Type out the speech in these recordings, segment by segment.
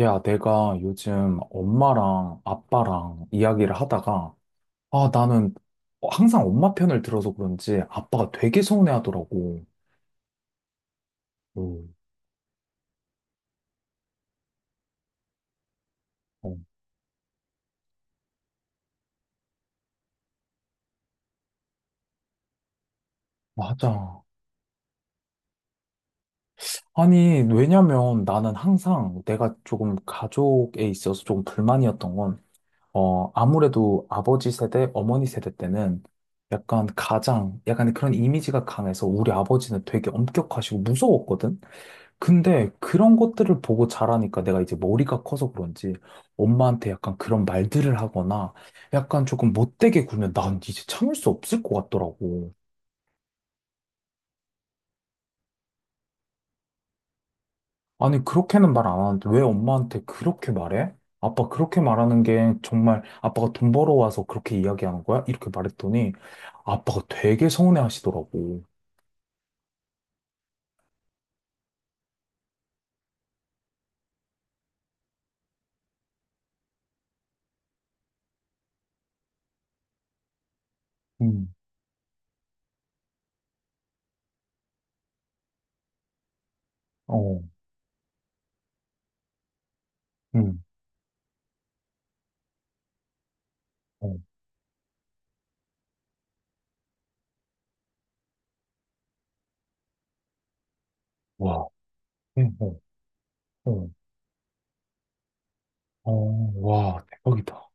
야, 내가 요즘 엄마랑 아빠랑 이야기를 하다가, 아, 나는 항상 엄마 편을 들어서 그런지 아빠가 되게 서운해하더라고. 음. 어. 맞아. 아니, 왜냐면 나는 항상 내가 조금 가족에 있어서 조금 불만이었던 건, 아무래도 아버지 세대, 어머니 세대 때는 약간 가장, 약간 그런 이미지가 강해서 우리 아버지는 되게 엄격하시고 무서웠거든? 근데 그런 것들을 보고 자라니까 내가 이제 머리가 커서 그런지 엄마한테 약간 그런 말들을 하거나 약간 조금 못되게 굴면 난 이제 참을 수 없을 것 같더라고. 아니, 그렇게는 말 안 하는데 왜 엄마한테 그렇게 말해? 아빠 그렇게 말하는 게 정말 아빠가 돈 벌어와서 그렇게 이야기하는 거야? 이렇게 말했더니 아빠가 되게 서운해 하시더라고. 음. 어. 음. 어. 와. 음. 어. 어. 어. 와, 대박이다.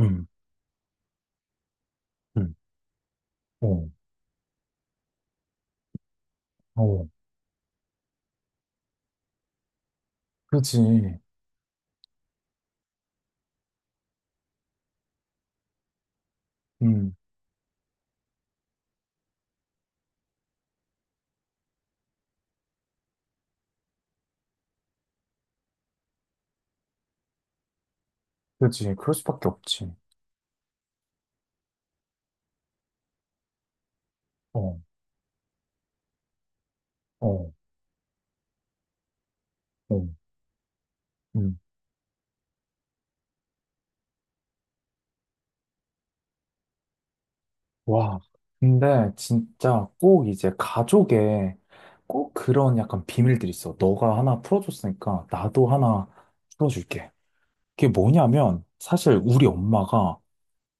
음. 음. 어. 어. 그렇지. 음. 그렇지. 그럴 수밖에 없지. 어. 어. 어. 음. 와. 근데 진짜 꼭 이제 가족에 꼭 그런 약간 비밀들이 있어. 너가 하나 풀어줬으니까 나도 하나 풀어줄게. 그게 뭐냐면 사실 우리 엄마가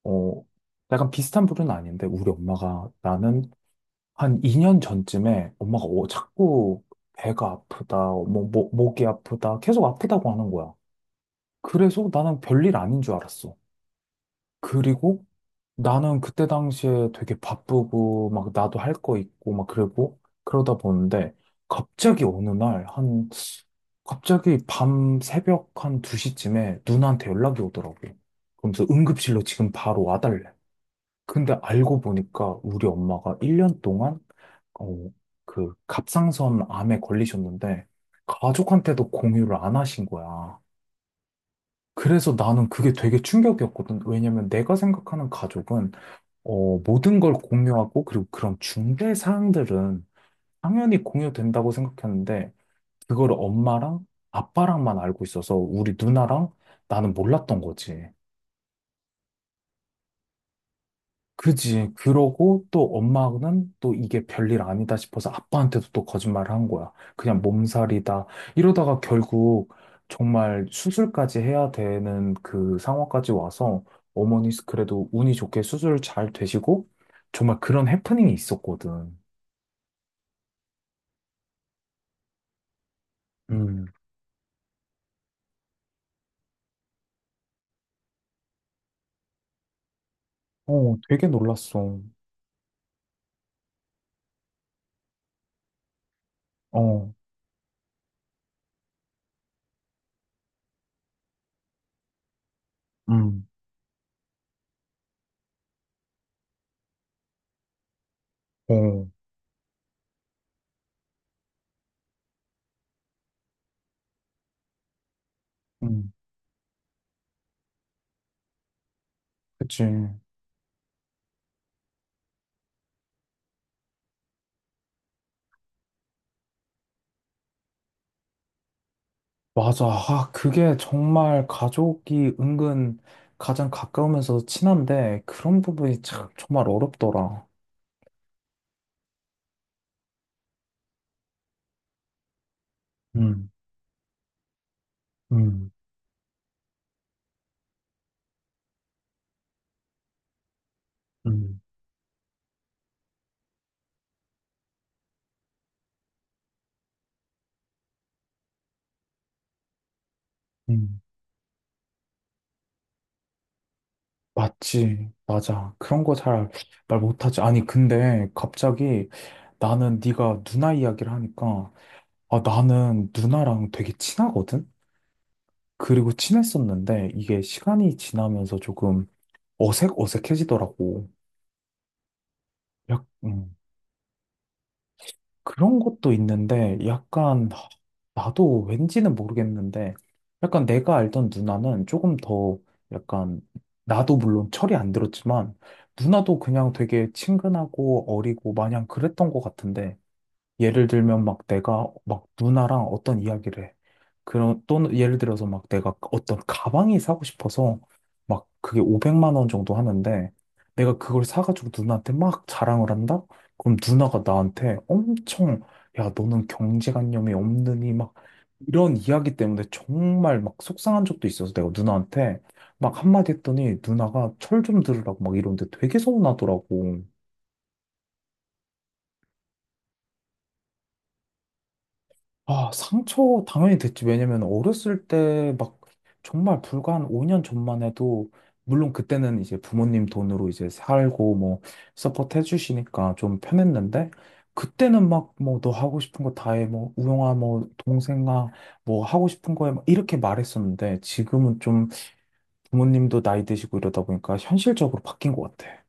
어, 약간 비슷한 부류는 아닌데 우리 엄마가 나는 한 2년 전쯤에 엄마가 자꾸 배가 아프다, 뭐, 목 목이 아프다, 계속 아프다고 하는 거야. 그래서 나는 별일 아닌 줄 알았어. 그리고 나는 그때 당시에 되게 바쁘고 막 나도 할 거 있고 막 그러고 그러다 보는데 갑자기 어느 날 한 갑자기 밤 새벽 한 2시쯤에 누나한테 연락이 오더라고. 그러면서 응급실로 지금 바로 와달래. 근데 알고 보니까 우리 엄마가 1년 동안 어, 그 갑상선 암에 걸리셨는데 가족한테도 공유를 안 하신 거야. 그래서 나는 그게 되게 충격이었거든. 왜냐면 내가 생각하는 가족은 모든 걸 공유하고, 그리고 그런 중대 사항들은 당연히 공유된다고 생각했는데, 그거를 엄마랑 아빠랑만 알고 있어서 우리 누나랑 나는 몰랐던 거지. 그지. 그러고 또 엄마는 또 이게 별일 아니다 싶어서 아빠한테도 또 거짓말을 한 거야. 그냥 몸살이다. 이러다가 결국 정말 수술까지 해야 되는 그 상황까지 와서 어머니 그래도 운이 좋게 수술 잘 되시고 정말 그런 해프닝이 있었거든. 음. 어, 되게 놀랐어. 어. 음. 어. 음. 그치. 맞아. 아, 그게 정말 가족이 은근 가장 가까우면서 친한데 그런 부분이 참 정말 어렵더라. 음. 음. 음. 음. 맞지. 맞아. 그런 거 잘 말 못하지. 아니, 근데 갑자기 나는 네가 누나 이야기를 하니까 아, 나는 누나랑 되게 친하거든? 그리고 친했었는데 이게 시간이 지나면서 조금 어색해지더라고. 약, 음, 그런 것도 있는데, 약간, 나도 왠지는 모르겠는데, 약간 내가 알던 누나는 조금 더, 약간, 나도 물론 철이 안 들었지만, 누나도 그냥 되게 친근하고 어리고 마냥 그랬던 것 같은데, 예를 들면 막 내가 막 누나랑 어떤 이야기를 해. 그런 또 예를 들어서 막 내가 어떤 가방이 사고 싶어서 막 그게 500만 원 정도 하는데 내가 그걸 사가지고 누나한테 막 자랑을 한다? 그럼 누나가 나한테 엄청 야 너는 경제관념이 없느니 막 이런 이야기 때문에 정말 막 속상한 적도 있어서 내가 누나한테 막 한마디 했더니 누나가 철 좀 들으라고 막 이러는데 되게 서운하더라고. 아, 상처 당연히 됐지. 왜냐면 어렸을 때 막 정말 불과 한 5년 전만 해도 물론 그때는 이제 부모님 돈으로 이제 살고 뭐 서포트 해주시니까 좀 편했는데 그때는 막 뭐 너 하고 싶은 거 다 해. 뭐 우영아 뭐 동생아 뭐 하고 싶은 거에 이렇게 말했었는데 지금은 좀 부모님도 나이 드시고 이러다 보니까 현실적으로 바뀐 것 같아.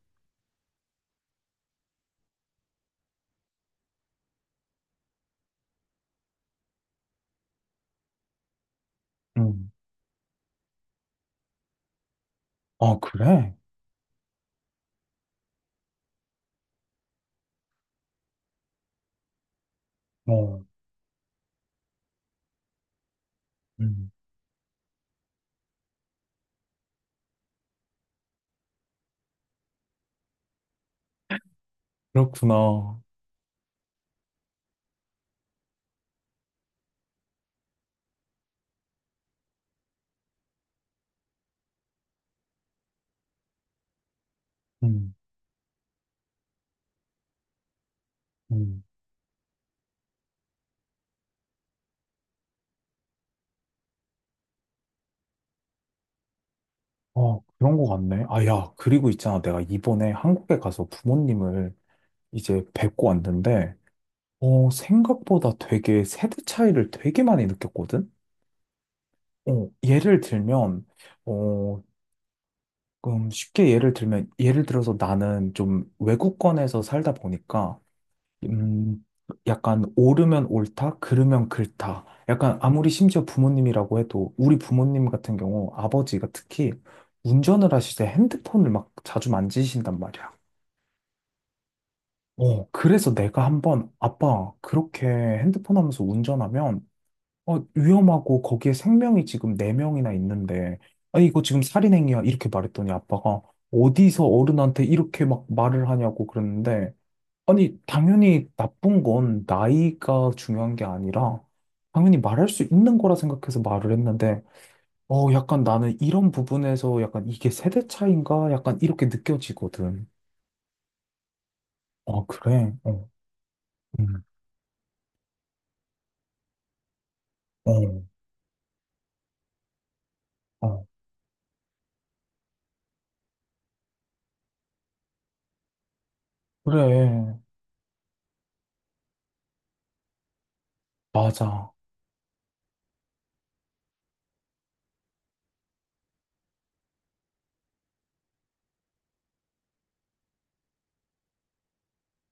음. 아, 그래? 어. 음. 그렇구나. 음. 음. 아, 그런 거 같네. 아, 야, 그리고 있잖아. 내가 이번에 한국에 가서 부모님을 이제 뵙고 왔는데, 생각보다 되게 세대 차이를 되게 많이 느꼈거든? 어, 예를 들면, 어, 쉽게 예를 들면, 예를 들어서 나는 좀 외국권에서 살다 보니까, 음, 약간 오르면 옳다, 그르면 그르다. 약간 아무리 심지어 부모님이라고 해도 우리 부모님 같은 경우 아버지가 특히 운전을 하실 때 핸드폰을 막 자주 만지신단 말이야. 어, 그래서 내가 한번 아빠 그렇게 핸드폰 하면서 운전하면 위험하고 거기에 생명이 지금 네명이나 있는데 아 이거 지금 살인행위야 이렇게 말했더니 아빠가 어디서 어른한테 이렇게 막 말을 하냐고 그랬는데 아니, 당연히 나쁜 건 나이가 중요한 게 아니라, 당연히 말할 수 있는 거라 생각해서 말을 했는데, 약간 나는 이런 부분에서 약간 이게 세대 차인가? 약간 이렇게 느껴지거든. 어, 그래. 어. 음. 어. 어, 그래. 맞아.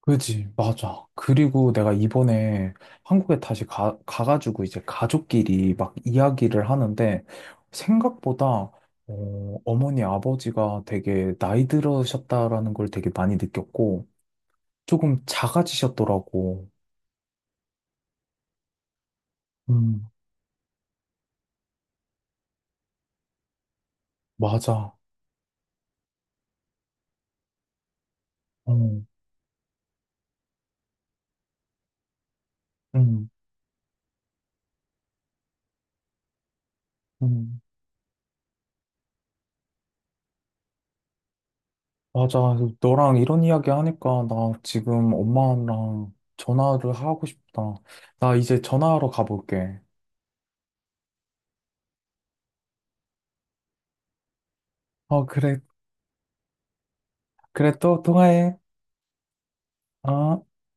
그지, 맞아. 그리고 내가 이번에 한국에 다시 가가지고 이제 가족끼리 막 이야기를 하는데 생각보다 어머니, 아버지가 되게 나이 들으셨다라는 걸 되게 많이 느꼈고 조금 작아지셨더라고. 음. 맞아. 음. 음. 음. 맞아. 너랑 이런 이야기 하니까 나 지금 엄마랑 전화를 하고 싶다. 나 이제 전화하러 가볼게. 어, 그래. 그래, 또 통화해. 아,